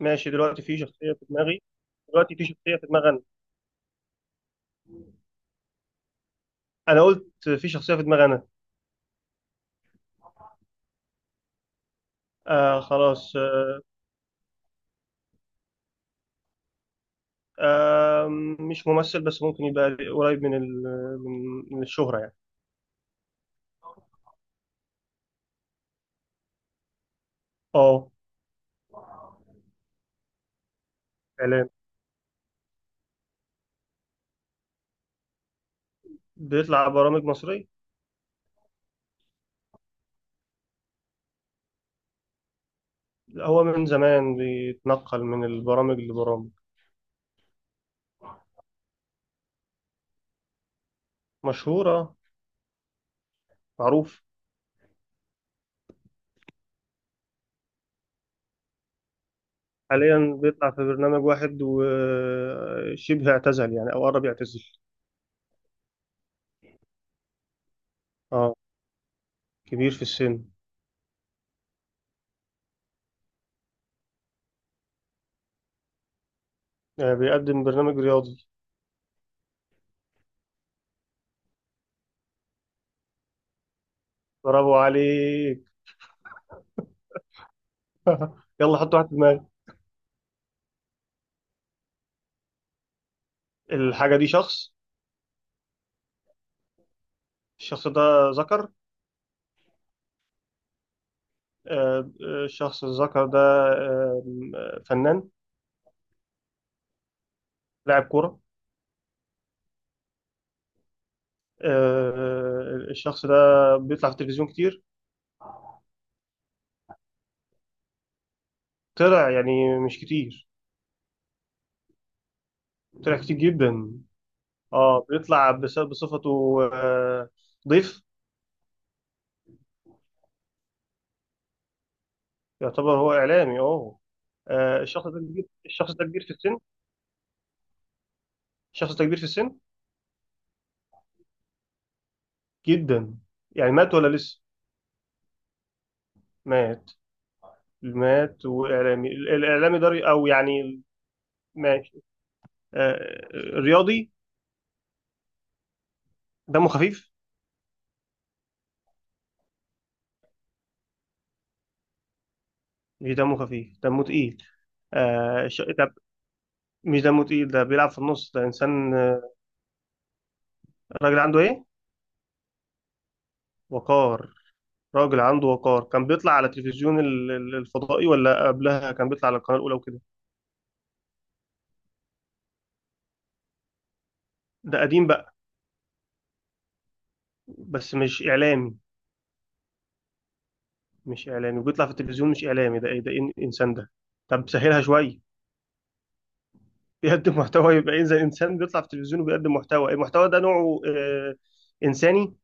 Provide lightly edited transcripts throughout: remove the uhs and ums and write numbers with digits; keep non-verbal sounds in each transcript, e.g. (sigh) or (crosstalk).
ماشي، دلوقتي في شخصية في دماغي. دلوقتي في شخصية في دماغي أنا. أنا قلت في شخصية في دماغي أنا. آه خلاص آه. آه مش ممثل بس ممكن يبقى قريب من ال من الشهرة يعني. أه. إعلام. بيطلع برامج مصرية. هو من زمان بيتنقل من البرامج لبرامج. مشهورة. معروف. حاليا بيطلع في برنامج واحد وشبه اعتزل يعني أو قرب يعتزل. أه كبير في السن. بيقدم برنامج رياضي. برافو عليك. (laughs) يلا حط واحد في دماغك. الحاجة دي شخص. الشخص ده ذكر. الشخص الذكر ده. آه، فنان. لاعب كورة. الشخص ده بيطلع في التلفزيون كتير. طلع يعني مش كتير. طلع كتير جدا. اه، بيطلع بصفته ضيف. يعتبر هو إعلامي اه. الشخص ده كبير، الشخص ده كبير في السن. الشخص ده كبير في السن جدا. يعني مات ولا لسه. مات. مات وإعلامي الإعلامي ده أو يعني. ماشي. آه، رياضي. دمه خفيف. مش دمه خفيف، دمه تقيل. طب. مش دمه تقيل، ده بيلعب في النص، ده إنسان راجل عنده إيه؟ وقار. راجل عنده وقار، كان بيطلع على تلفزيون الفضائي ولا قبلها كان بيطلع على القناة الأولى وكده. ده قديم بقى. بس مش إعلامي. مش إعلامي وبيطلع في التلفزيون، مش إعلامي ده، إيه ده، إيه الإنسان ده؟ طب سهلها شوية. (laughs) بيقدم محتوى يبقى إيه؟ زي إنسان بيطلع في التلفزيون وبيقدم محتوى، المحتوى ده نوعه آه إنساني.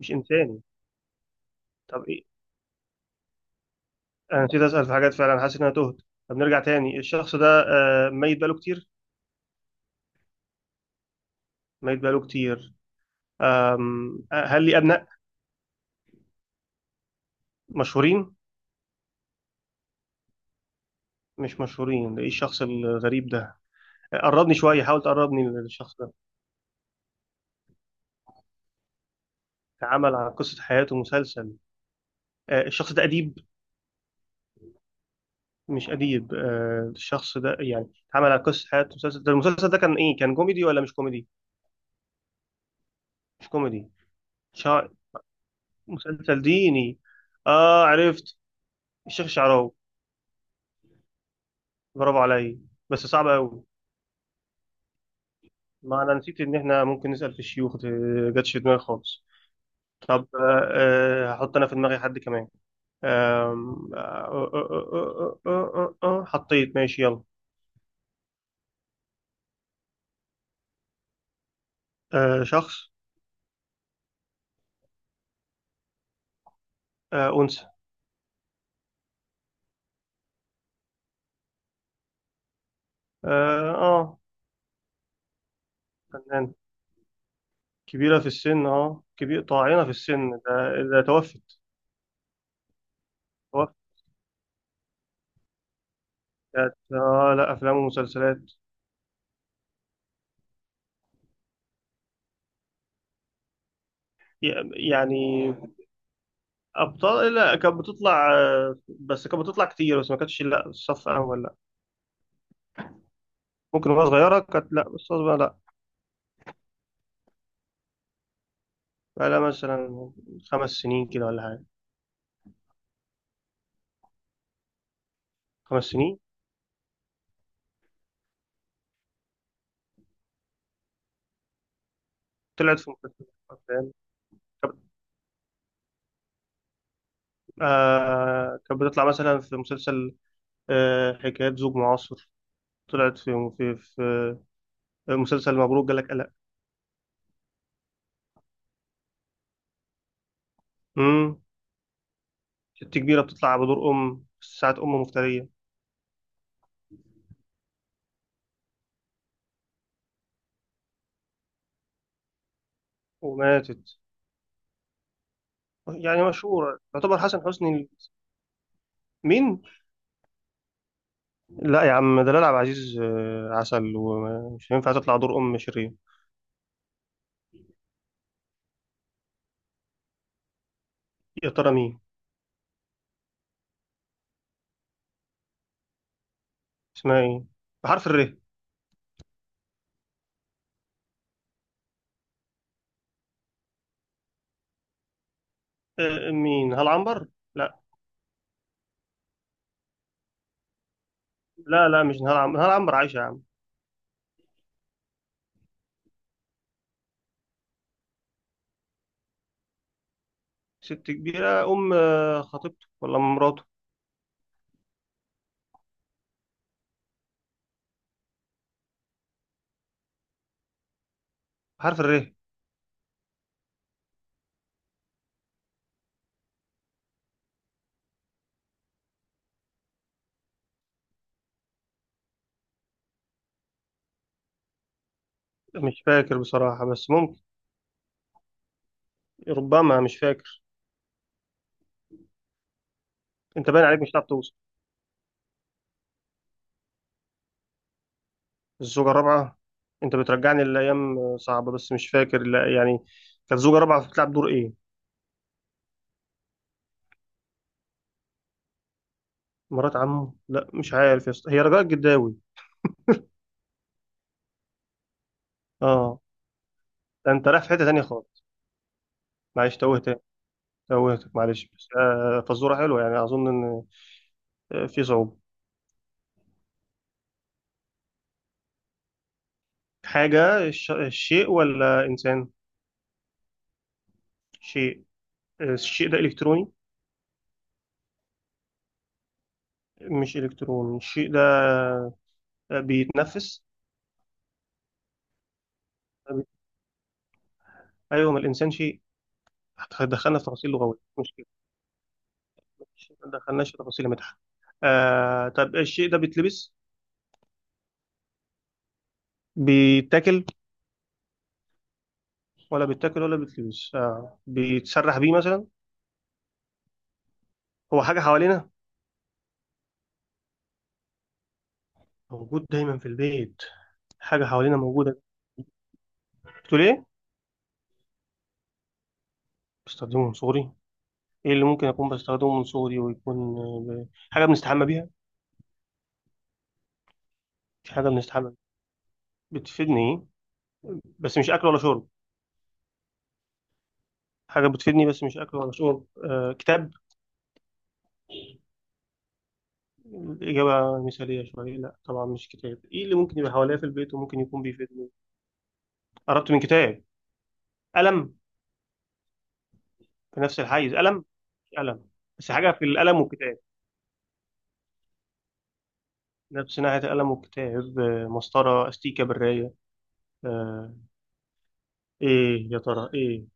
مش إنساني. طب إيه. انا نسيت اسال في حاجات، فعلا حاسس ان انا تهت. طب نرجع تاني، الشخص ده ميت بقاله كتير. ميت بقاله كتير. آم، آه، هل لي ابناء مشهورين؟ مش مشهورين، ده ايه الشخص الغريب ده؟ قربني شويه، حاول تقربني للشخص ده. اتعامل عن قصه حياته مسلسل. الشخص ده اديب. مش اديب. الشخص ده يعني اتعامل على قصه حياته مسلسل، ده المسلسل ده كان ايه؟ كان كوميدي ولا مش كوميدي؟ مش كوميدي. شا... مسلسل ديني. اه، عرفت. الشيخ الشعراوي. برافو عليا. بس صعب قوي. ما انا نسيت ان احنا ممكن نسأل في الشيوخ دي. جاتش في دماغي خالص. طب هحط انا في دماغي حد كمان. آم، آه، آه، آه، آه، آه، آه، آه، آه، آه، حطيت، ماشي يلا. شخص. أنثى. اه فنان. كبيرة في السن اه، كبير، طاعنة في السن ده توفت. توفت. كانت آه، لا، أفلام ومسلسلات. يعني أبطال لا، كانت بتطلع بس كانت بتطلع كتير، بس ما كانتش لا الصف أول لا. ممكن وهي صغيرة كانت، لا بس أصغر لا. بقالها مثلا 5 سنين كده ولا حاجة. 5 سنين. طلعت في مسلسل، أفلام. كانت كانت بتطلع مثلا في مسلسل حكايات زوج معاصر. طلعت في مسلسل مبروك جالك قلق. امم. ست كبيرة بتطلع بدور أم، ساعة أم مفترية. وماتت. يعني مشهورة، يعتبر حسن حسني. مين؟ لا يا عم، ده لا، عبد العزيز عسل ومش هينفع تطلع دور أم شرير. يا ترى مين؟ اسمها إيه؟ بحرف الر. مين؟ هل عنبر؟ لا. لا لا مش نهار عنبر، نهار عنبر عايشة يا عم. ست كبيرة، أم خطيبته ولا أم مراته. حرف الره. مش فاكر بصراحة بس ممكن. ربما مش فاكر. أنت باين عليك مش هتعرف توصل. الزوجة الرابعة. أنت بترجعني لأيام صعبة، بس مش فاكر لا يعني. كانت زوجة رابعة بتلعب دور إيه؟ مرات عمه؟ لا، مش عارف يا اسطى، هي رجاء الجداوي. أه. ده أنت رايح في حتة تانية خالص. معلش توهت. توهتك معلش، بس فزورة حلوة، يعني أظن إن في صعوبة. حاجة الشيء ولا إنسان؟ شيء. الشيء ده إلكتروني. مش إلكتروني، الشيء ده بيتنفس. أيوه ما الإنسان شيء. دخلنا في تفاصيل لغوية مش كده. ما دخلناش في تفاصيل مدح. آه، طب الشيء ده بيتلبس؟ بيتاكل؟ ولا بيتاكل ولا بيتلبس، آه بيتسرح بيه مثلا. هو حاجة حوالينا؟ موجود دايما في البيت. حاجة حوالينا موجودة. بتقول إيه؟ بستخدمه من صغري. إيه اللي ممكن أكون بستخدمه من صغري ويكون حاجة بنستحمى بيها؟ مش حاجة بنستحمى بيها. بتفيدني إيه؟ بس مش أكل ولا شرب. حاجة بتفيدني بس مش أكل ولا شرب، آه كتاب. الإجابة مثالية شوية، لا طبعا مش كتاب. إيه اللي ممكن يبقى حواليا في البيت وممكن يكون بيفيدني؟ قربت من كتاب. قلم. في نفس الحيز قلم. مش قلم. بس حاجة في القلم والكتاب. نفس ناحية القلم والكتاب آه، مسطرة، أستيكة، براية، آه إيه يا ترى إيه؟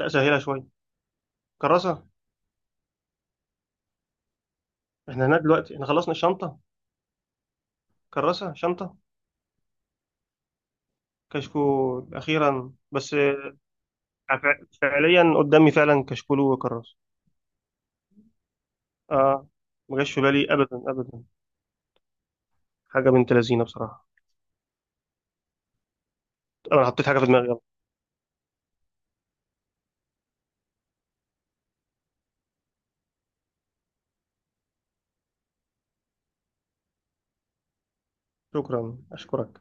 لا سهلة شوية. كراسة. إحنا هنا دلوقتي إحنا خلصنا الشنطة. كراسة، شنطة. كشكول، أخيرا، بس فعليا قدامي فعلا كشكول وكراسة. اه، ما جاش في بالي ابدا ابدا. حاجه بنت لذينه بصراحه. انا حطيت حاجه في دماغي، يلا. شكرا، اشكرك.